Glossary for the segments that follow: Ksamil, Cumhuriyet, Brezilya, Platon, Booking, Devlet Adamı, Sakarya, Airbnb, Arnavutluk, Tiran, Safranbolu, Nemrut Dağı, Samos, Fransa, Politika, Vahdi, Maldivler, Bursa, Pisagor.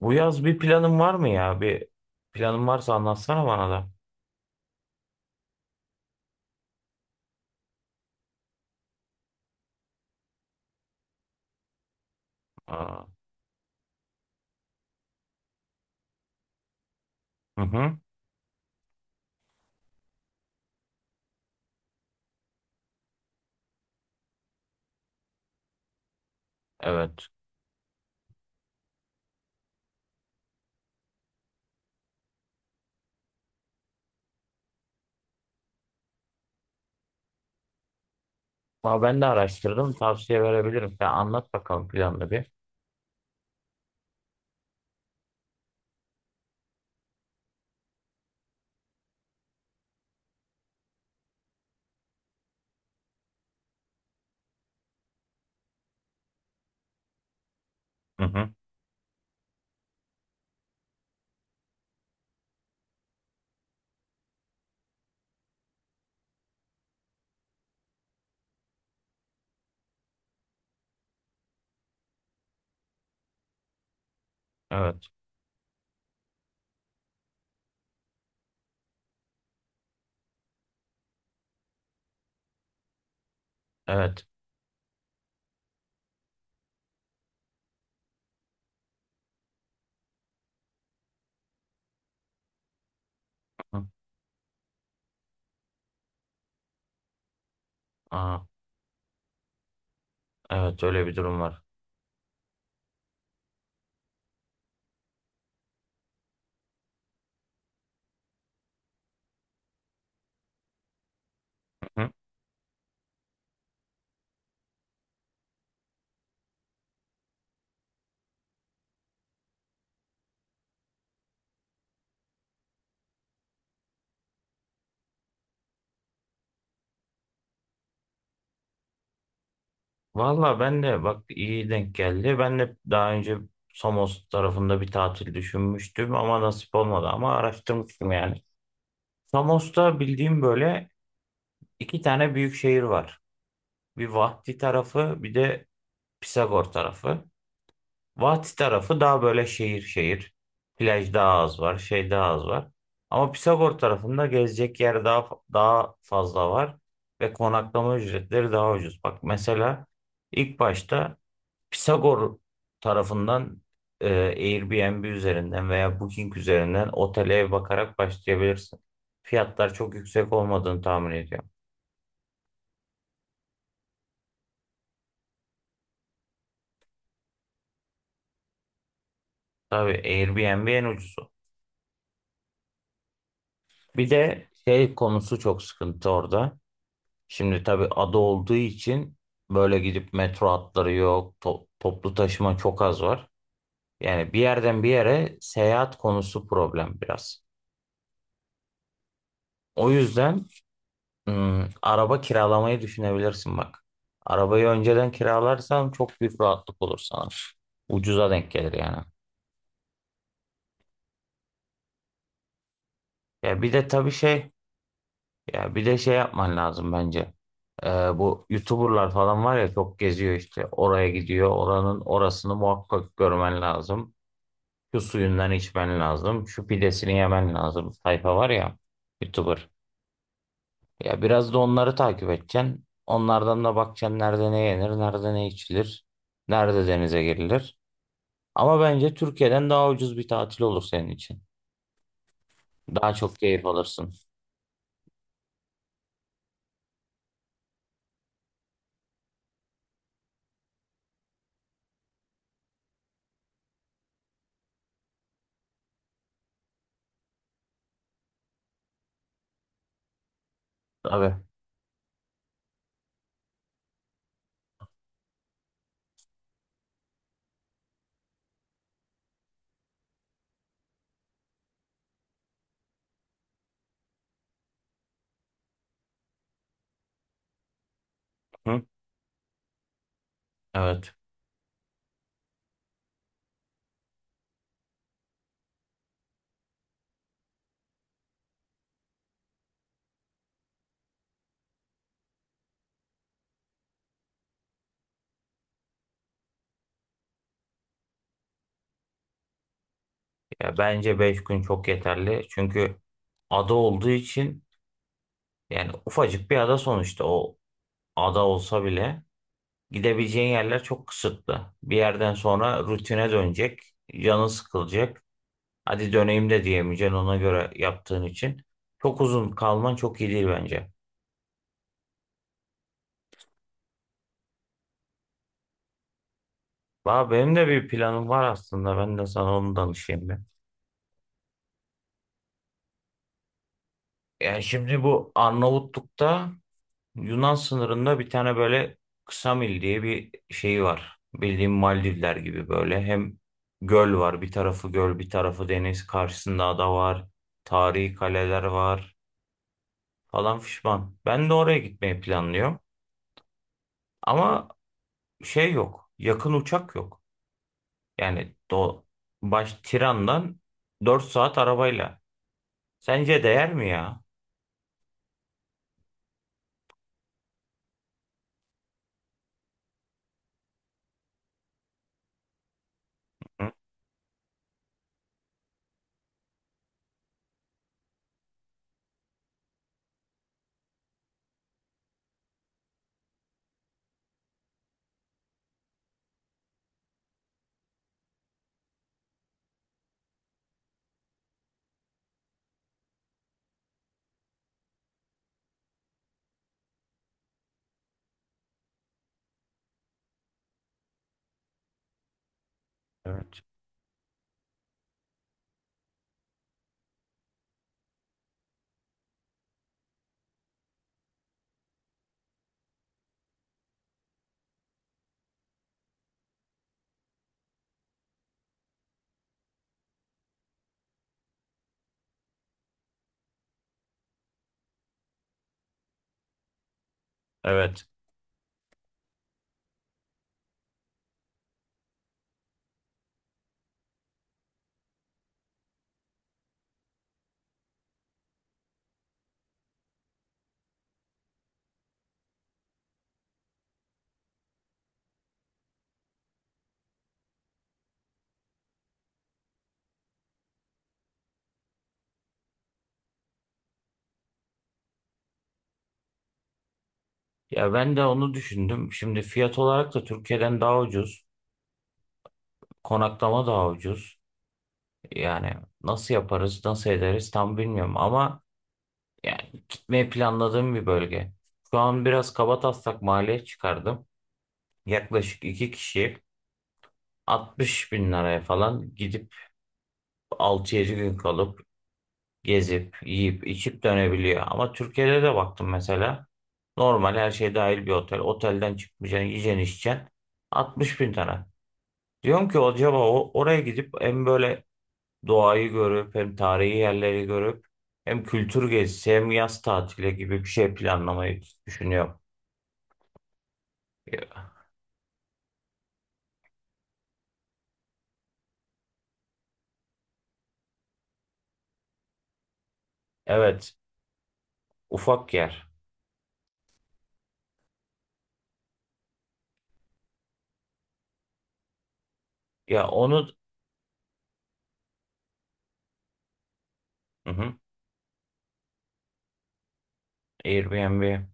Bu yaz bir planın var mı ya? Bir planın varsa anlatsana bana da. Aa, hı hı, evet. Aa, ben de araştırdım. Tavsiye verebilirim. Sen anlat bakalım planını bir. Hı hı, evet. Evet. Hı hı. Aa, evet öyle bir durum var. Hı hı. Valla ben de bak iyi denk geldi. Ben de daha önce Samos tarafında bir tatil düşünmüştüm ama nasip olmadı ama araştırmıştım yani. Samos'ta bildiğim böyle iki tane büyük şehir var. Bir Vahdi tarafı bir de Pisagor tarafı. Vati tarafı daha böyle şehir şehir. Plaj daha az var, şey daha az var. Ama Pisagor tarafında gezecek yer daha fazla var ve konaklama ücretleri daha ucuz. Bak mesela ilk başta Pisagor tarafından Airbnb üzerinden veya Booking üzerinden otele ev bakarak başlayabilirsin. Fiyatlar çok yüksek olmadığını tahmin ediyorum. Tabii Airbnb en ucuzu. Bir de şey konusu çok sıkıntı orada. Şimdi tabii ada olduğu için böyle gidip metro hatları yok, toplu taşıma çok az var. Yani bir yerden bir yere seyahat konusu problem biraz. O yüzden araba kiralamayı düşünebilirsin bak. Arabayı önceden kiralarsan çok büyük rahatlık olur sana. Ucuza denk gelir yani. Ya bir de tabii şey, ya bir de şey yapman lazım bence. Bu YouTuber'lar falan var ya çok geziyor işte. Oraya gidiyor, oranın orasını muhakkak görmen lazım. Şu suyundan içmen lazım. Şu pidesini yemen lazım. Sayfa var ya YouTuber. Ya biraz da onları takip edeceksin. Onlardan da bakacaksın nerede ne yenir, nerede ne içilir, nerede denize girilir. Ama bence Türkiye'den daha ucuz bir tatil olur senin için. Daha çok keyif alırsın. Tabii. Hı? Evet. Ya bence 5 gün çok yeterli. Çünkü ada olduğu için yani ufacık bir ada sonuçta, o ada olsa bile gidebileceğin yerler çok kısıtlı. Bir yerden sonra rutine dönecek. Canın sıkılacak. Hadi döneyim de diyemeyeceksin ona göre yaptığın için. Çok uzun kalman çok iyi değil bence. Valla benim de bir planım var aslında. Ben de sana onu danışayım ben. Yani şimdi bu Arnavutluk'ta Yunan sınırında bir tane böyle Ksamil diye bir şey var. Bildiğim Maldivler gibi böyle. Hem göl var. Bir tarafı göl, bir tarafı deniz. Karşısında ada var. Tarihi kaleler var, falan fişman. Ben de oraya gitmeyi planlıyorum. Ama şey yok. Yakın uçak yok. Yani baş Tiran'dan 4 saat arabayla. Sence değer mi ya? Hı? Evet. Evet. Ya ben de onu düşündüm. Şimdi fiyat olarak da Türkiye'den daha ucuz. Konaklama daha ucuz. Yani nasıl yaparız, nasıl ederiz tam bilmiyorum ama yani gitmeyi planladığım bir bölge. Şu an biraz kabataslak maliyet çıkardım. Yaklaşık iki kişi. 60 bin liraya falan gidip 6-7 gün kalıp gezip yiyip içip dönebiliyor. Ama Türkiye'de de baktım mesela normal her şey dahil bir otel. Otelden çıkmayacaksın, yiyeceksin, içeceksin. 60 bin lira. Diyorum ki acaba oraya gidip hem böyle doğayı görüp hem tarihi yerleri görüp hem kültür gezisi hem yaz tatili gibi bir şey planlamayı düşünüyorum. Evet, ufak yer. Ya onu Hı hı, Airbnb.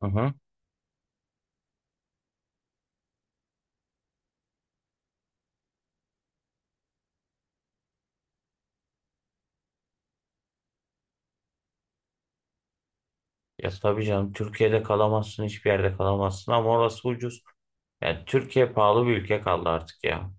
Hı hı. Ya tabii canım, Türkiye'de kalamazsın, hiçbir yerde kalamazsın ama orası ucuz. Yani Türkiye pahalı bir ülke kaldı artık ya.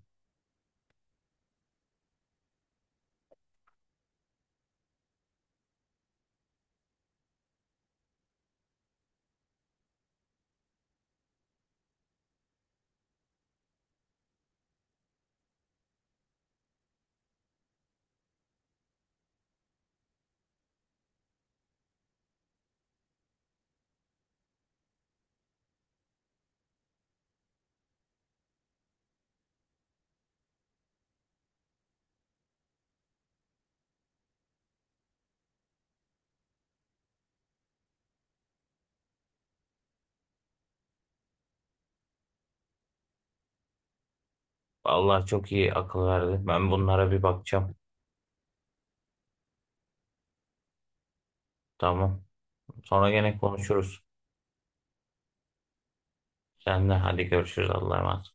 Allah çok iyi akıl verdi. Ben bunlara bir bakacağım. Tamam. Sonra gene konuşuruz. Sen de hadi, görüşürüz, Allah'a emanet.